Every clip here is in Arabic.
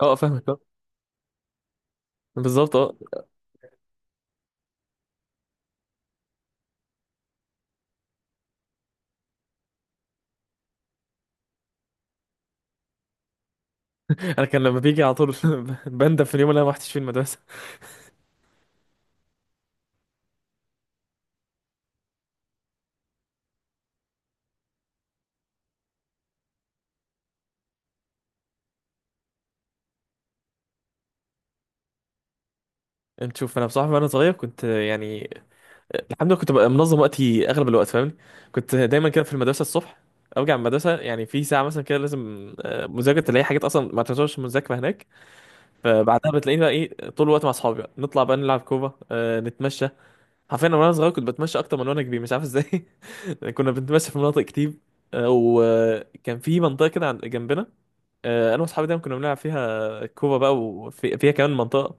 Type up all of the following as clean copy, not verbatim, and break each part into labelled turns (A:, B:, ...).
A: اه فاهمك اه. بالظبط اه. انا كان لما بيجي على طول. بندم في اليوم اللي انا ما رحتش فيه المدرسه. انت شوف، انا بصراحه وانا صغير كنت يعني الحمد لله كنت ببقى منظم وقتي اغلب الوقت فاهمني. كنت دايما كده في المدرسه الصبح، ارجع من المدرسه يعني في ساعه مثلا كده لازم مذاكره، تلاقي حاجات اصلا ما تعتبرش مذاكره هناك. فبعدها بتلاقيني بقى ايه طول الوقت مع اصحابي، بقى نطلع بقى نلعب كوره نتمشى. حرفيا انا وانا صغير كنت بتمشى اكتر من وانا كبير، مش عارف ازاي. كنا بنتمشى في مناطق كتير. وكان في منطقه كده جنبنا. انا واصحابي دايما كنا بنلعب فيها كوبا بقى، وفيها كمان منطقه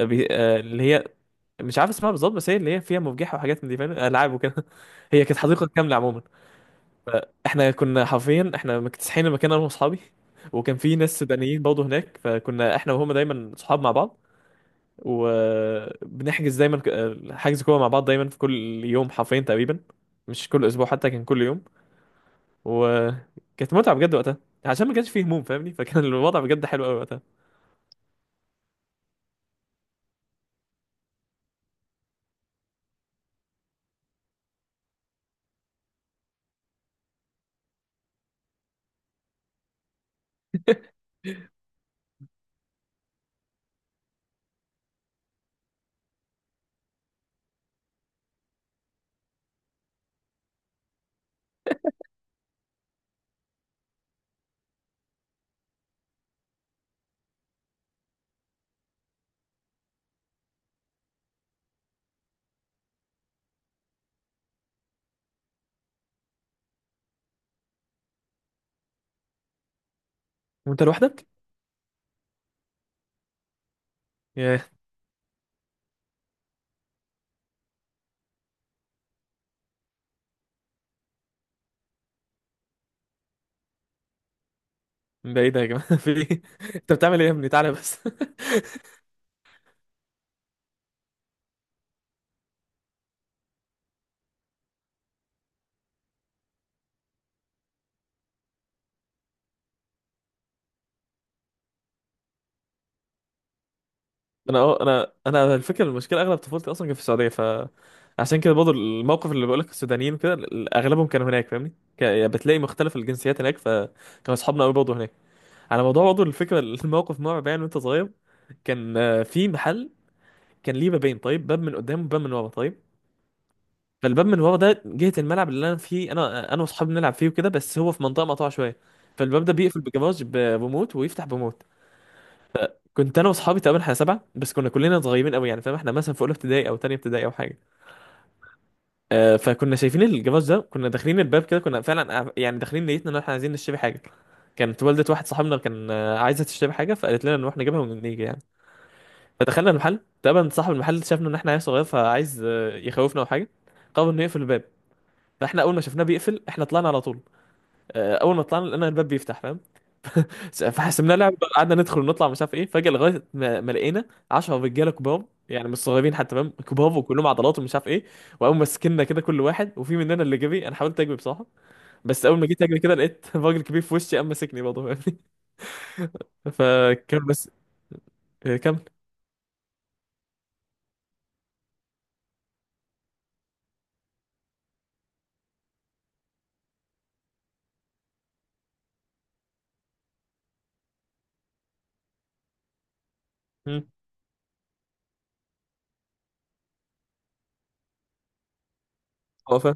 A: آه، بي... آه، اللي هي مش عارف اسمها بالظبط، بس هي اللي هي فيها مفجحه وحاجات من دي، فاهم؟ العاب وكده هي كانت حديقه كامله عموما. احنا كنا حرفيا احنا مكتسحين المكان انا واصحابي. وكان في ناس سودانيين برضه هناك، فكنا احنا وهم دايما صحاب مع بعض. وبنحجز دايما حجز كوره مع بعض دايما في كل يوم حرفيا تقريبا. مش كل اسبوع، حتى كان كل يوم. وكانت متعه بجد وقتها، عشان ما كانش فيه هموم فاهمني، فكان الوضع بجد حلو قوي وقتها. وانت لوحدك؟ ياه. من بعيد يا جماعه في ايه؟ انت بتعمل ايه يا ابني؟ تعالى بس انا اه انا انا على الفكره المشكله اغلب طفولتي اصلا كانت في السعوديه، ف عشان كده برضه الموقف اللي بقولك السودانيين كده اغلبهم كانوا هناك فاهمني. يعني بتلاقي مختلف الجنسيات هناك، فكانوا اصحابنا قوي برضه هناك. على موضوع برضه الفكره الموقف مرعب يعني وانت صغير. كان في محل، كان ليه بابين، طيب؟ باب من قدام وباب من ورا، طيب؟ فالباب من ورا ده جهه الملعب اللي انا فيه، انا واصحابي بنلعب فيه وكده، بس هو في منطقه مقطوعه شويه. فالباب ده بيقفل بجراج بريموت ويفتح بموت. كنت انا واصحابي تقريبا احنا سبعه بس، كنا كلنا صغيرين قوي يعني، فاهم؟ احنا مثلا في اولى ابتدائي او تانية ابتدائي او حاجه. فكنا شايفين الجراج ده، كنا داخلين الباب كده، كنا فعلا يعني داخلين نيتنا ان احنا عايزين نشتري حاجه. كانت والدة واحد صاحبنا كان عايزه تشتري حاجه، فقالت لنا نروح نجيبها ونيجي يعني. فدخلنا المحل، تقريبا صاحب المحل شافنا ان احنا عيال صغير فعايز يخوفنا او حاجه، قرر انه يقفل الباب. فاحنا اول ما شفناه بيقفل احنا طلعنا على طول. اول ما طلعنا لقينا الباب بيفتح، فاهم؟ فحسبناها لعبه بقى، قعدنا ندخل ونطلع مش عارف ايه، فجاه لغايه ما لقينا 10 رجاله كبار، يعني مش صغيرين حتى فاهم، كبار وكلهم عضلات ومش عارف ايه. وقاموا ماسكيننا كده كل واحد، وفي مننا اللي جري، انا حاولت اجري بصراحه. بس اول ما جيت اجري كده لقيت راجل كبير في وشي قام ماسكني برضه فاهمني. فكان بس. إيه، كمل. مم. هو فاهم.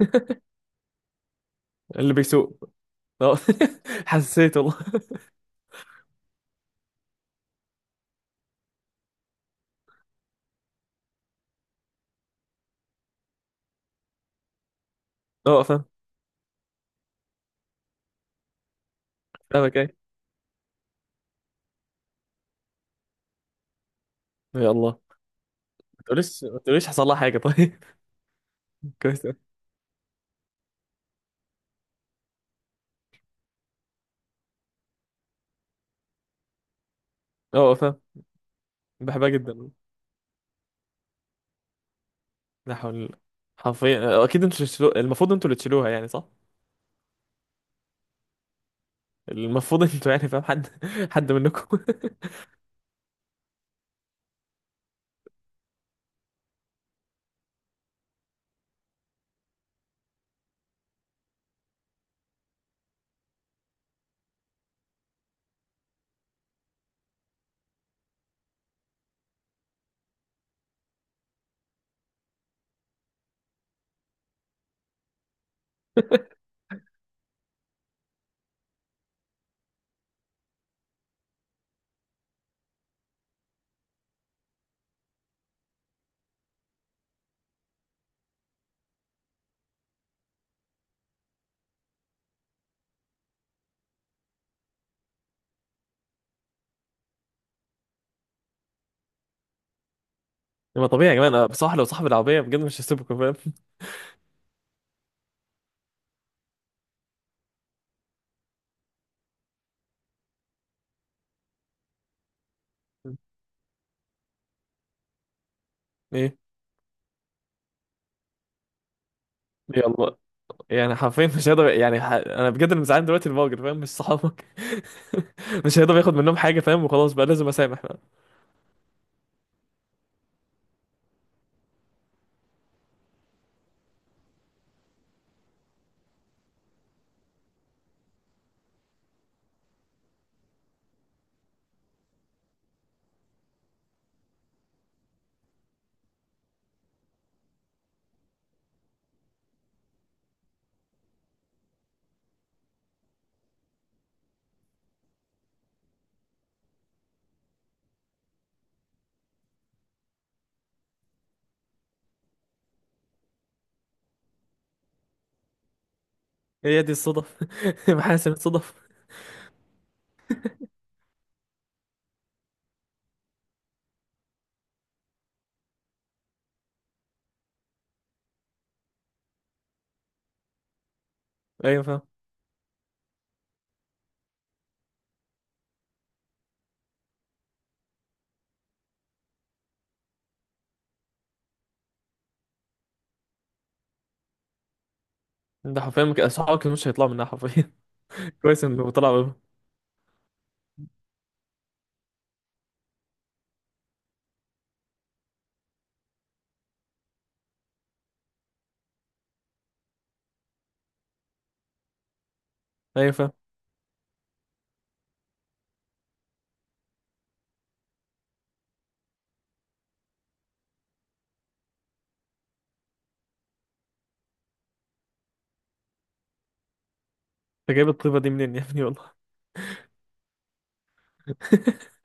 A: اللي بيسوق. اه حسيت والله. اه فاهم. فاهمك، ايه؟ يا الله. ما تقوليش ما تقوليش حصل لها حاجه، طيب؟ كويس أوي. اه فاهم. بحبها جدا. لا حول. حرفيا اكيد انتوا اللي تشيلوها، المفروض انتوا اللي تشيلوها يعني، صح؟ المفروض انتوا يعني فاهم، حد منكم. ما طبيعي، يا جماعه أنا بصراحه لو صاحب العربيه بجد مش هسيبكم، فاهم؟ ايه؟ يلا. يعني حرفيا مش هيقدر يعني انا بجد اللي مزعلان دلوقتي الراجل، فاهم؟ مش صحابك. مش هيقدر ياخد منهم حاجه، فاهم؟ وخلاص بقى لازم اسامح بقى. هي دي الصدف محاسن الصدف. ايوه فاهم. ده حرفيا صحابك مش هيطلعوا منها حرفيا. كويس انه طلع منها. ايوه فاهم. انت جايب الطيبه دي منين يا ابني والله؟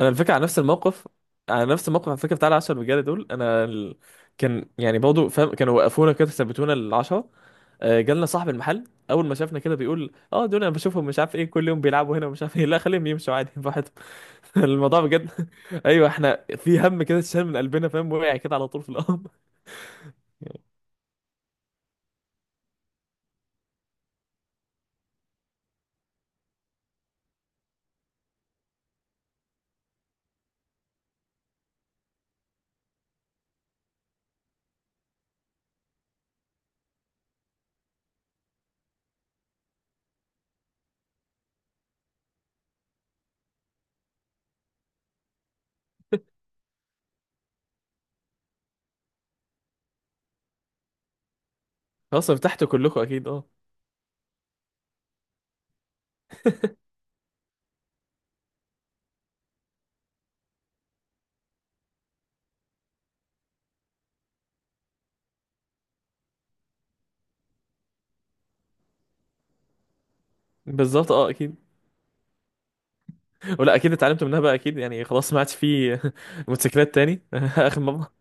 A: انا الفكره على نفس الموقف، على نفس الموقف، على فكره بتاع العشرة رجاله دول، كان يعني برضه فاهم كانوا وقفونا كده ثبتونا العشرة. جالنا صاحب المحل، اول ما شافنا كده بيقول، اه دول انا بشوفهم مش عارف ايه كل يوم بيلعبوا هنا ومش عارف ايه، لا خليهم يمشوا عادي براحتهم. الموضوع بجد ايوه احنا في هم كده اتشال من قلبنا، فاهم؟ وقع كده على طول في الارض. خلاص ارتحتوا كلكم، اكيد اه بالظبط اه اكيد. ولا اكيد اتعلمتوا منها بقى، اكيد يعني. خلاص ما عادش في موتوسيكلات تاني اخر مره.